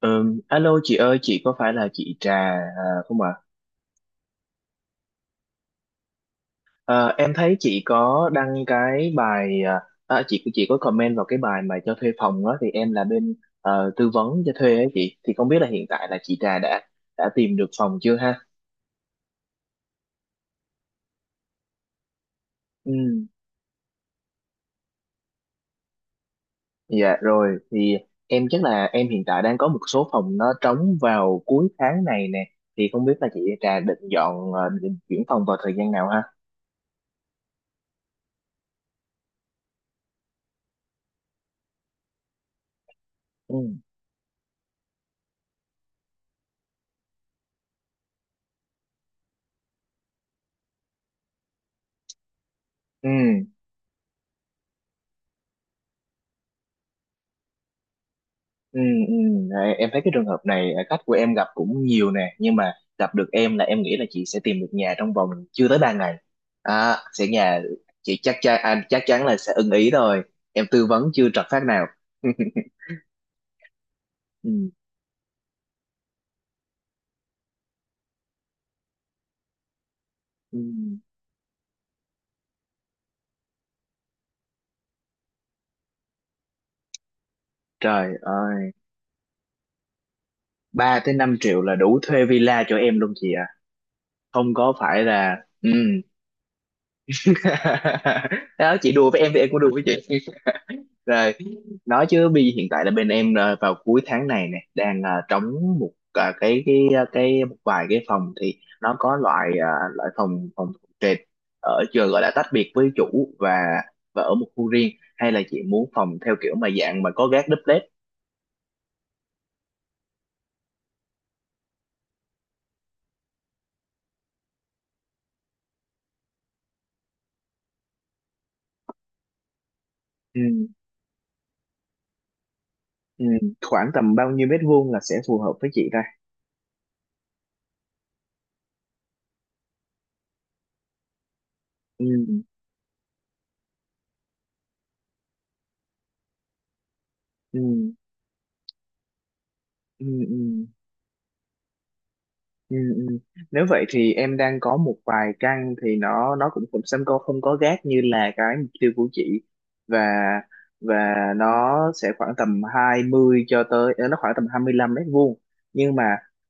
Alo chị ơi, chị có phải là chị Trà không ạ? Ờ, em thấy chị có đăng cái bài chị có comment vào cái bài mà cho thuê phòng đó thì em là bên tư vấn cho thuê ấy chị. Thì không biết là hiện tại là chị Trà đã tìm được phòng chưa ha? Ừ, dạ rồi thì em chắc là em hiện tại đang có một số phòng nó trống vào cuối tháng này nè. Thì không biết là chị Trà định dọn định chuyển phòng vào thời gian nào ha? Ừm. Ừ. Ừ, ừ. Đấy, em thấy cái trường hợp này khách của em gặp cũng nhiều nè nhưng mà gặp được em là em nghĩ là chị sẽ tìm được nhà trong vòng chưa tới 3 ngày sẽ nhà chị chắc chắn là sẽ ưng ý rồi, em tư vấn chưa trật phát nào. Ừ, ừ. Trời ơi, 3 tới 5 triệu là đủ thuê villa cho em luôn chị ạ, không có phải là. Ừ. Đó, chị đùa với em thì em cũng đùa với chị. Rồi, nói chứ bây hiện tại là bên em vào cuối tháng này nè đang trống một cái cái một vài cái phòng thì nó có loại loại phòng phòng trệt ở trường gọi là tách biệt với chủ và ở một khu riêng, hay là chị muốn phòng theo kiểu mà dạng mà có gác đúp led. Ừ, ừ. Khoảng tầm bao nhiêu mét vuông là sẽ phù hợp với chị ta? Ừ, ừ, ừ, ừ. Ừ, ừ. Nếu vậy thì em đang có một vài căn thì nó cũng cũng sẽ không không có gác như là cái mục tiêu của chị, và và nó sẽ khoảng tầm 20 cho tới nó khoảng tầm 25 mét vuông, nhưng mà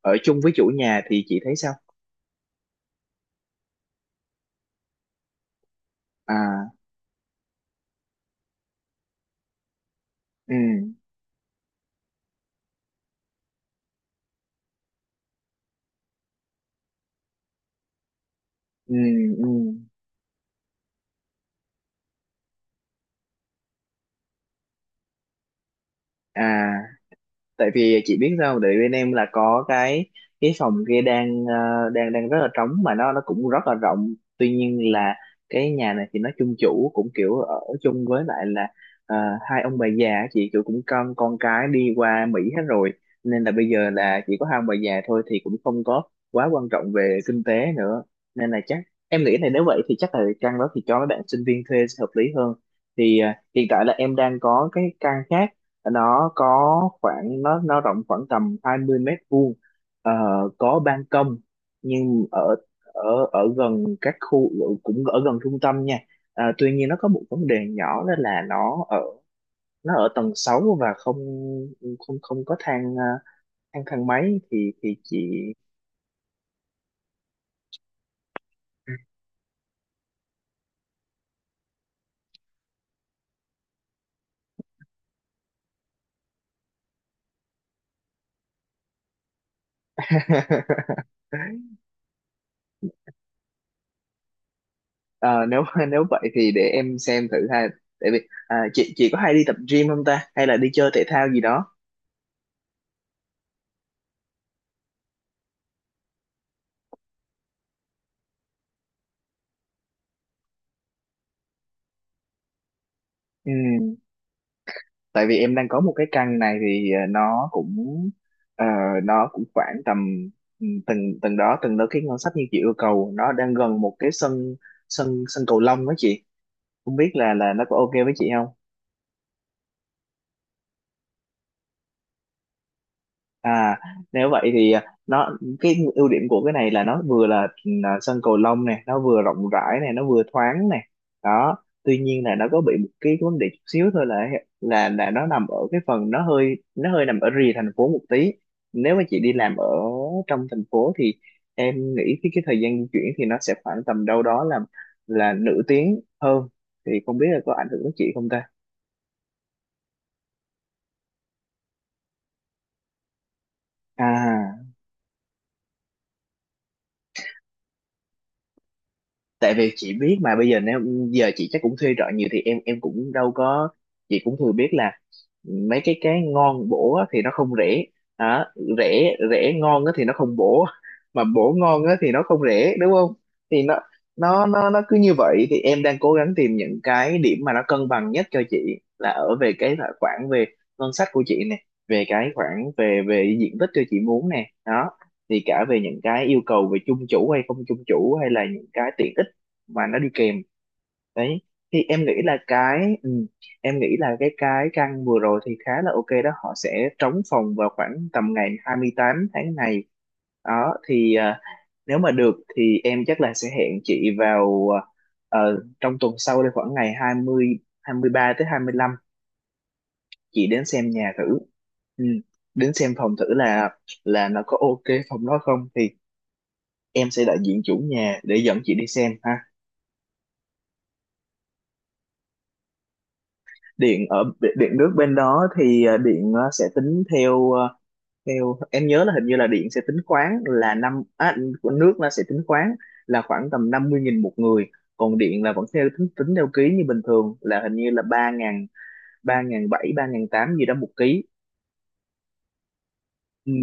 ở chung với chủ nhà thì chị thấy sao? À, ừ, ừ, ừ à, tại vì chị biết sao không? Tại bên em là có cái phòng kia đang đang rất là trống mà nó cũng rất là rộng, tuy nhiên là cái nhà này thì nó chung chủ cũng kiểu ở chung với lại là ờ, hai ông bà già á chị, kiểu cũng con cái đi qua Mỹ hết rồi, nên là bây giờ là chỉ có hai ông bà già thôi thì cũng không có quá quan trọng về kinh tế nữa, nên là chắc em nghĩ là nếu vậy thì chắc là căn đó thì cho mấy bạn sinh viên thuê sẽ hợp lý hơn. Thì hiện tại là em đang có cái căn khác, nó có khoảng nó rộng khoảng tầm 20 mét vuông. Ờ, có ban công nhưng ở ở ở gần các khu, cũng ở gần trung tâm nha. Ờ, tuy nhiên nó có một vấn đề nhỏ đó là nó ở tầng 6 và không không không có thang thang thang máy thì chị. Ờ, nếu nếu vậy thì để em xem thử ha, tại vì chị có hay đi tập gym không ta, hay là đi chơi thể thao gì đó? Ừ, tại vì em đang có một cái căn này thì nó cũng ờ, nó cũng khoảng tầm ừ, từng từng đó cái ngân sách như chị yêu cầu, nó đang gần một cái sân sân sân cầu lông đó chị, không biết là nó có ok với chị không? À, nếu vậy thì nó cái ưu điểm của cái này là nó vừa là sân cầu lông này, nó vừa rộng rãi này, nó vừa thoáng này. Đó, tuy nhiên là nó có bị một cái vấn đề chút xíu thôi là nó nằm ở cái phần nó hơi nằm ở rìa thành phố một tí. Nếu mà chị đi làm ở trong thành phố thì em nghĩ cái thời gian di chuyển thì nó sẽ khoảng tầm đâu đó là nửa tiếng hơn. Thì không biết là có ảnh hưởng đến chị không ta? À. Tại vì chị biết mà bây giờ nếu giờ chị chắc cũng thuê trọ nhiều thì em cũng đâu có, chị cũng thừa biết là mấy cái ngon bổ á thì nó không rẻ. Đó, rẻ rẻ ngon á thì nó không bổ, mà bổ ngon á thì nó không rẻ đúng không? Thì nó cứ như vậy thì em đang cố gắng tìm những cái điểm mà nó cân bằng nhất cho chị, là ở về cái là khoản về ngân sách của chị nè, về cái khoản về về diện tích cho chị muốn nè đó, thì cả về những cái yêu cầu về chung chủ hay không chung chủ, hay là những cái tiện ích mà nó đi kèm đấy. Thì em nghĩ là cái ừ, em nghĩ là cái căn vừa rồi thì khá là ok đó, họ sẽ trống phòng vào khoảng tầm ngày 28 tháng này đó. Thì nếu mà được thì em chắc là sẽ hẹn chị vào trong tuần sau đây khoảng ngày hai hai mươi ba tới hai mươi lăm, chị đến xem nhà thử. Ừ. Đến xem phòng thử là nó có ok phòng đó không, thì em sẽ đại diện chủ nhà để dẫn chị đi xem ha. Điện ở điện nước bên đó thì điện sẽ tính theo theo em nhớ là hình như là điện sẽ tính khoáng là năm nước nó sẽ tính khoáng là khoảng tầm 50.000 một người, còn điện là vẫn theo tính, tính theo ký như bình thường là hình như là ba ngàn bảy ba ngàn tám gì đó một ký. Ừ.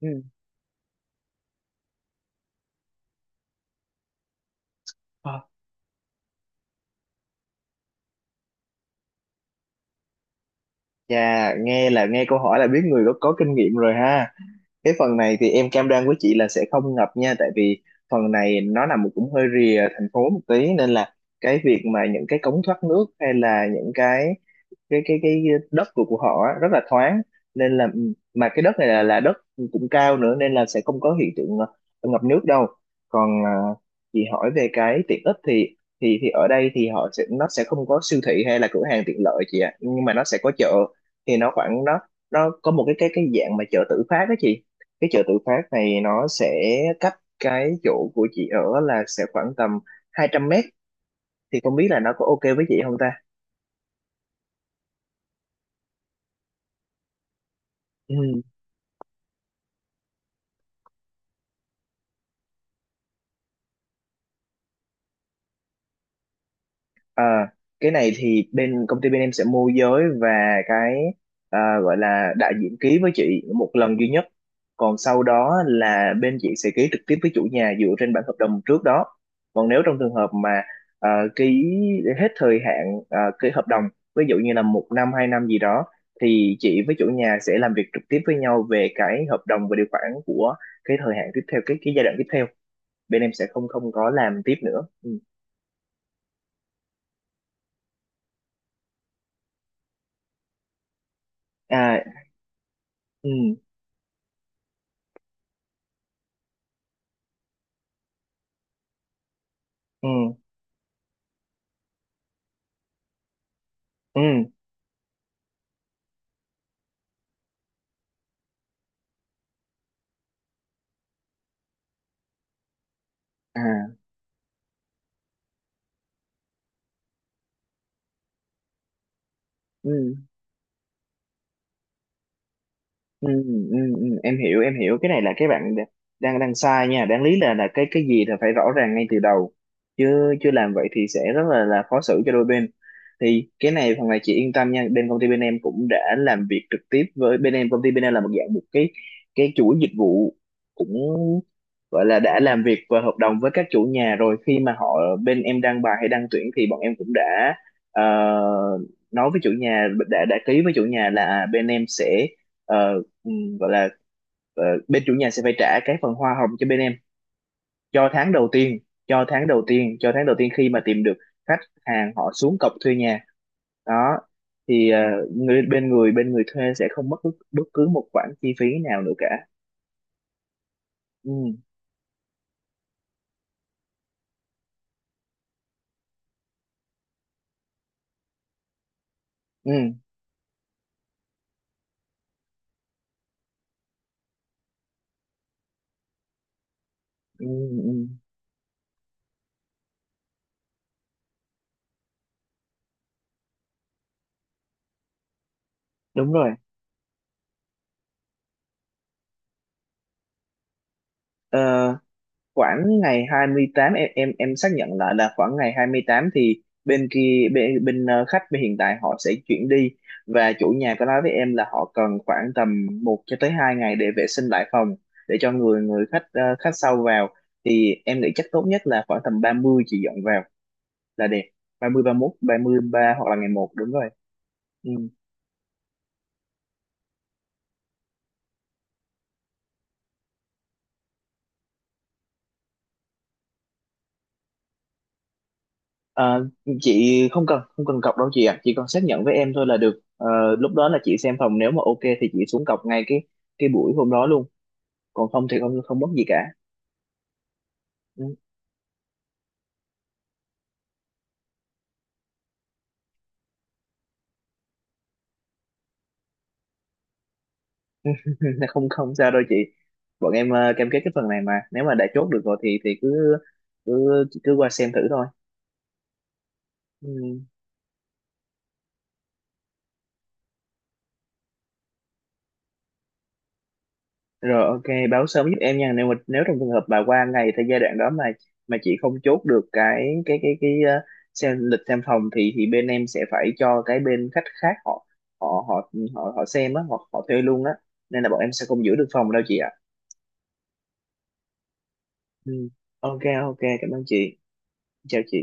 Ừ. Ờ, Chà, nghe là nghe câu hỏi là biết người có kinh nghiệm rồi ha. Cái phần này thì em cam đoan với chị là sẽ không ngập nha, tại vì phần này nó nằm cũng hơi rìa thành phố một tí nên là cái việc mà những cái cống thoát nước hay là những cái đất của họ á, rất là thoáng, nên là mà cái đất này là đất cũng cao nữa, nên là sẽ không có hiện tượng ngập nước đâu. Còn chị hỏi về cái tiện ích thì ở đây thì họ sẽ nó sẽ không có siêu thị hay là cửa hàng tiện lợi chị ạ, nhưng mà nó sẽ có chợ. Thì nó khoảng nó có một cái dạng mà chợ tự phát đó chị, cái chợ tự phát này nó sẽ cách cái chỗ của chị ở là sẽ khoảng tầm 200 mét, thì không biết là nó có ok với chị không ta? À, cái này thì bên công ty bên em sẽ môi giới và cái gọi là đại diện ký với chị một lần duy nhất. Còn sau đó là bên chị sẽ ký trực tiếp với chủ nhà dựa trên bản hợp đồng trước đó. Còn nếu trong trường hợp mà à, ký hết thời hạn ký hợp đồng, ví dụ như là một năm hai năm gì đó, thì chị với chủ nhà sẽ làm việc trực tiếp với nhau về cái hợp đồng và điều khoản của cái thời hạn tiếp theo, cái giai đoạn tiếp theo. Bên em sẽ không không có làm tiếp nữa. Ừ. À, ừ, ừ. Ừ, à, ừ. Ừ, ừ, ừ, em hiểu cái này là cái bạn đ- đang đang sai nha, đáng lý là cái gì là phải rõ ràng ngay từ đầu, chứ chưa làm vậy thì sẽ rất là khó xử cho đôi bên. Thì cái này phần này chị yên tâm nha, bên công ty bên em cũng đã làm việc trực tiếp với bên em công ty bên em là một dạng một cái chuỗi dịch vụ, cũng gọi là đã làm việc và hợp đồng với các chủ nhà rồi, khi mà họ bên em đăng bài hay đăng tuyển thì bọn em cũng đã ờ, nói với chủ nhà đã ký với chủ nhà là bên em sẽ ờ, ừ, gọi là bên chủ nhà sẽ phải trả cái phần hoa hồng cho bên em cho tháng đầu tiên cho tháng đầu tiên cho tháng đầu tiên khi mà tìm được khách hàng, họ xuống cọc thuê nhà đó. Thì người bên người bên người thuê sẽ không mất bất, bất cứ một khoản chi phí nào nữa cả. Ừ, ừ, ừ, ừ, ừ. Đúng rồi. Ờ, khoảng ngày 28 em xác nhận lại là khoảng ngày 28 thì bên kia bên, bên khách bên hiện tại họ sẽ chuyển đi, và chủ nhà có nói với em là họ cần khoảng tầm một cho tới hai ngày để vệ sinh lại phòng để cho người người khách khách sau vào. Thì em nghĩ chắc tốt nhất là khoảng tầm 30 chị dọn vào là đẹp, 30 31 ba mốt ba mươi ba hoặc là ngày một, đúng rồi. Ừ. Ờ, chị không cần không cần cọc đâu chị ạ, chị còn xác nhận với em thôi là được. Ờ, lúc đó là chị xem phòng nếu mà ok thì chị xuống cọc ngay cái buổi hôm đó luôn, còn không thì không không mất gì cả. Ừ. Không không sao đâu chị, bọn em cam kết cái phần này mà nếu mà đã chốt được rồi thì cứ cứ cứ qua xem thử thôi. Ừ. Rồi ok, báo sớm giúp em nha. Nếu mà nếu trong trường hợp bà qua ngày thời giai đoạn đó mà chị không chốt được cái xem lịch xem phòng thì bên em sẽ phải cho cái bên khách khác họ họ họ họ họ xem á, hoặc họ thuê luôn á. Nên là bọn em sẽ không giữ được phòng đâu chị ạ. Ừ. Ok ok, cảm ơn chị. Chào chị.